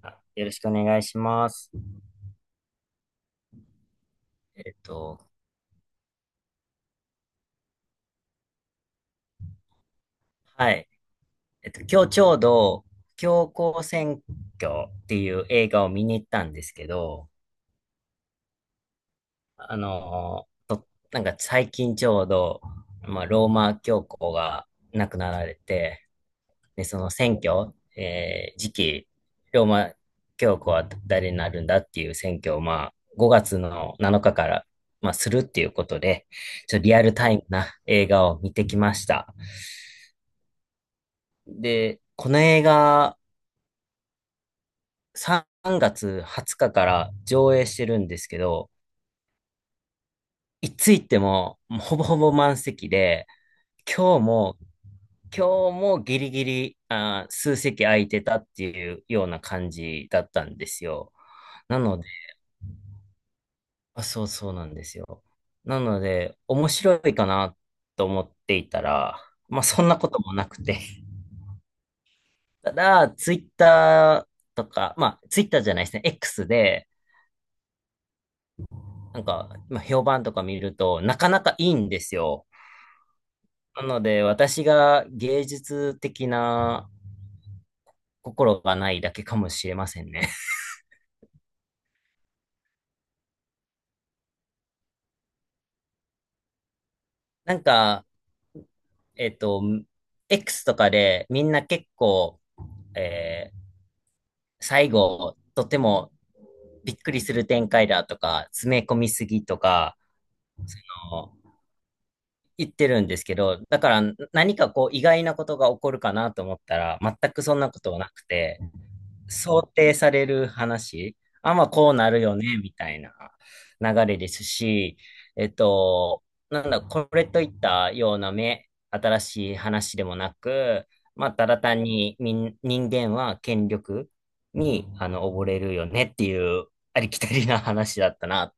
よろしくお願いします。えっと、はい。今日ちょうど、教皇選挙っていう映画を見に行ったんですけど、あのーと、なんか最近ちょうど、まあ、ローマ教皇が亡くなられて、で、その選挙、次期、ローマ教皇は誰になるんだっていう選挙を、まあ、5月の7日から、まあ、するっていうことで、ちょっとリアルタイムな映画を見てきました。で、この映画3月20日から上映してるんですけど、いつ行ってももうほぼほぼ満席で、今日も、今日もギリギリ、数席空いてたっていうような感じだったんですよ。なので、あ、そうそうなんですよ。なので、面白いかなと思っていたら、まあそんなこともなくて。ただ、ツイッターとか、まあツイッターじゃないですね、X で、なんか、まあ、評判とか見ると、なかなかいいんですよ。なので、私が芸術的な心がないだけかもしれませんね。なんか、えっと、X とかでみんな結構、えー最後、とてもびっくりする展開だとか、詰め込みすぎとか、あの言ってるんですけど、だから何かこう意外なことが起こるかなと思ったら、全くそんなことはなくて、想定される話、あ、まあこうなるよね、みたいな流れですし、えっと、なんだ、これといったような目、新しい話でもなく、まあただ単に人間は権力に、溺れるよねっていうありきたりな話だったな。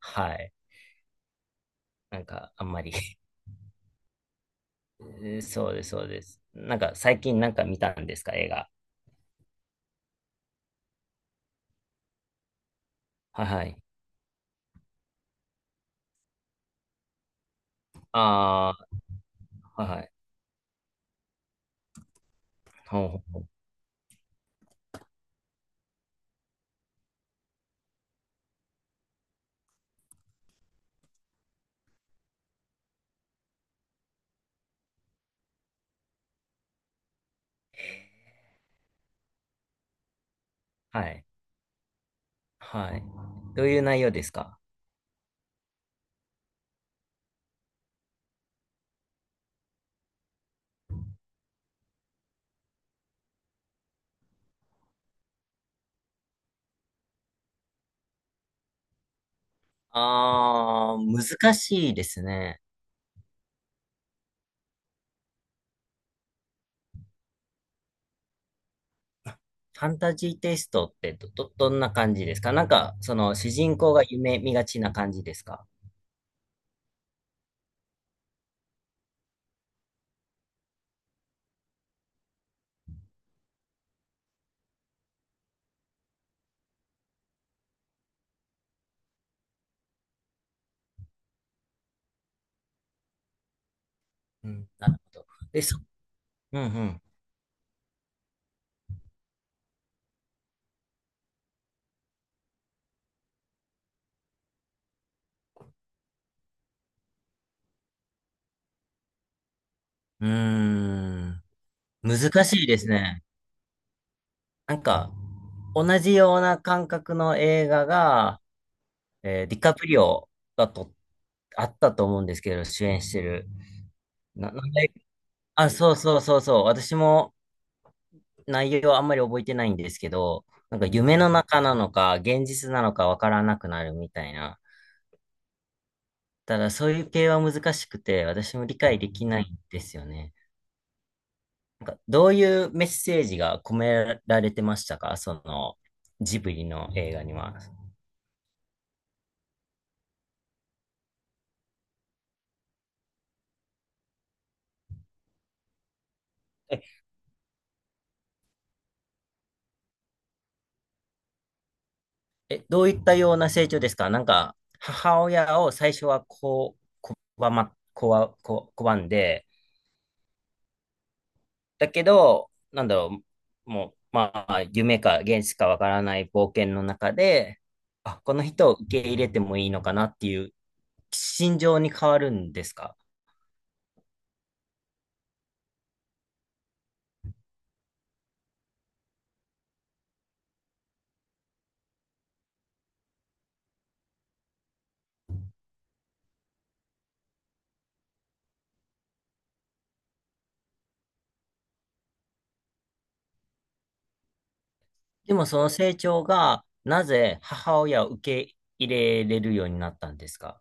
はい。なんか、あんまり そうです、そうです。なんか、最近なんか見たんですか、映画。はいはい。ああ、はいはい。ほうほう。はい。はい。どういう内容ですか？難しいですね。ファンタジーテイストってどんな感じですか？なんか、その主人公が夢見がちな感じですか？うん、なるほど。で、うんうん。うーん、難しいですね。なんか、同じような感覚の映画が、ディカプリオがと、あったと思うんですけど、主演してる。なんで、あ、そうそうそうそう。私も、内容はあんまり覚えてないんですけど、なんか夢の中なのか、現実なのかわからなくなるみたいな。ただそういう系は難しくて、私も理解できないんんですよね。なんかどういうメッセージが込められてましたか、そのジブリの映画には。え、どういったような成長ですか？なんか母親を最初はこう、わま、こわ、こ、拒んで、だけど、なんだろう、もう、まあ、夢か現実かわからない冒険の中で、あ、この人を受け入れてもいいのかなっていう心情に変わるんですか？でもその成長が、なぜ母親を受け入れれるようになったんですか？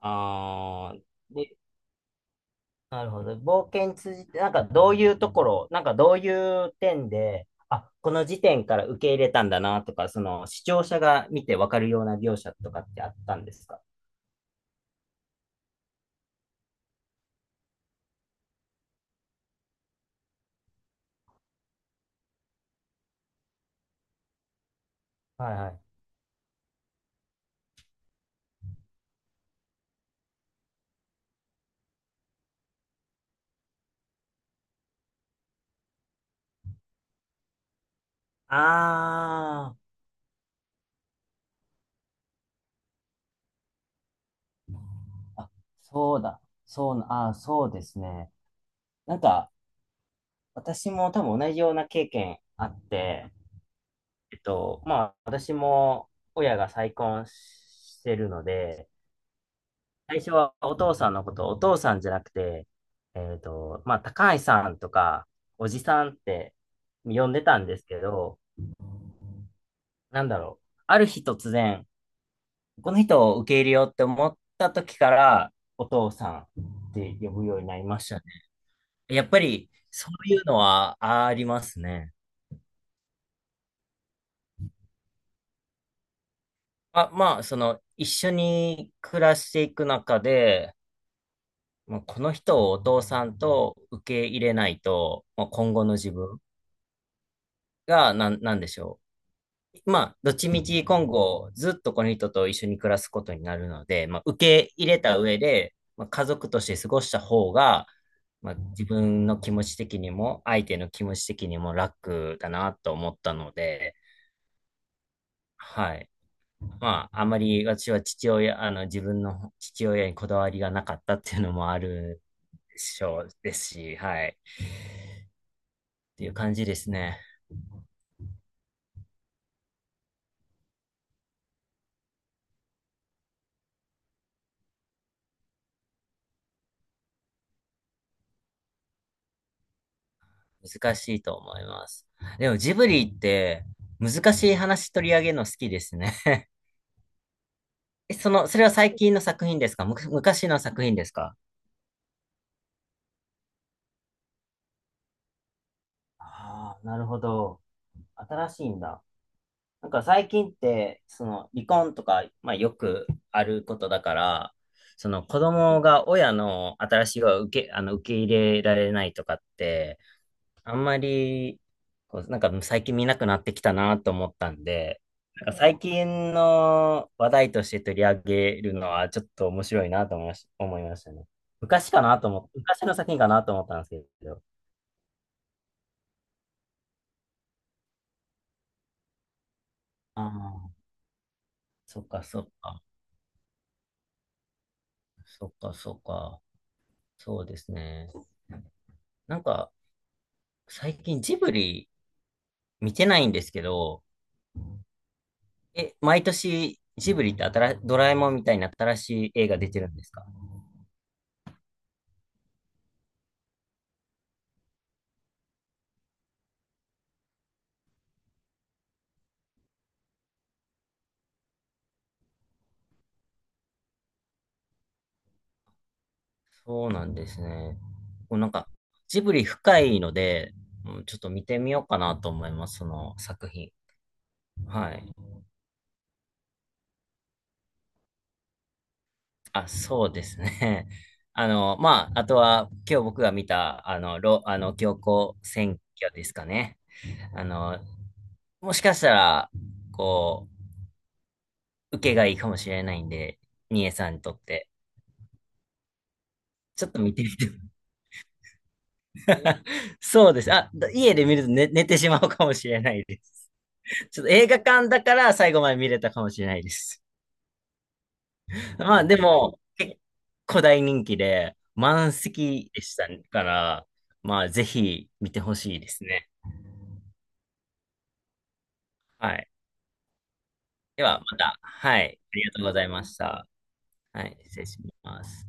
ああー、で、なるほど。冒険通じて、なんかどういうところ、なんかどういう点で、あ、この時点から受け入れたんだなとか、その視聴者が見てわかるような描写とかってあったんですか？はいはい。ああ、あ、そうだ。そうな、ああ、そうですね。なんか、私も多分同じような経験あって、まあ、私も親が再婚してるので、最初はお父さんのことをお父さんじゃなくて、まあ、高橋さんとか、おじさんって呼んでたんですけど、なんだろう。ある日突然、この人を受け入れようって思った時から、お父さんって呼ぶようになりましたね。やっぱり、そういうのはありますね。あ、まあ、その、一緒に暮らしていく中で、まあ、この人をお父さんと受け入れないと、まあ、今後の自分が、なんでしょう。まあ、どっちみち今後ずっとこの人と一緒に暮らすことになるので、まあ、受け入れた上で、まあ、家族として過ごした方が、まあ、自分の気持ち的にも相手の気持ち的にも楽だなと思ったので、はい。まあ、あまり私は父親、あの、自分の父親にこだわりがなかったっていうのもあるでしょうですし、はい。っていう感じですね。難しいと思います。でもジブリって難しい話取り上げるの好きですね。その、それは最近の作品ですか？昔の作品ですか？ああ、なるほど。新しいんだ。なんか最近って、その離婚とか、まあよくあることだから、その子供が親の新しいを受け入れられないとかって、あんまり、こう、なんか最近見なくなってきたなと思ったんで、なんか最近の話題として取り上げるのはちょっと面白いなと思いましたね。昔かなと思って昔の作品かなと思ったんですけど。ああ、そっかそっか。そっかそっか。そうですね。なんか最近ジブリ見てないんですけど、毎年ジブリってドラえもんみたいな新しい映画出てるんですか？そうなんですね。もうなんか、ジブリ深いので、うん、ちょっと見てみようかなと思います、その作品。はい。あ、そうですね。あの、まあ、あとは、今日僕が見た、あの、教皇選挙ですかね。あの、もしかしたら、こう、受けがいいかもしれないんで、ニエさんにとって。ちょっと見てみて。そうです。あ、家で見ると寝てしまうかもしれないです。ちょっと映画館だから最後まで見れたかもしれないです。まあ、でも、結構大人気で、満席でしたから、まあ、ぜひ見てほしいですね。はい。では、また、はい。ありがとうございました。はい。失礼します。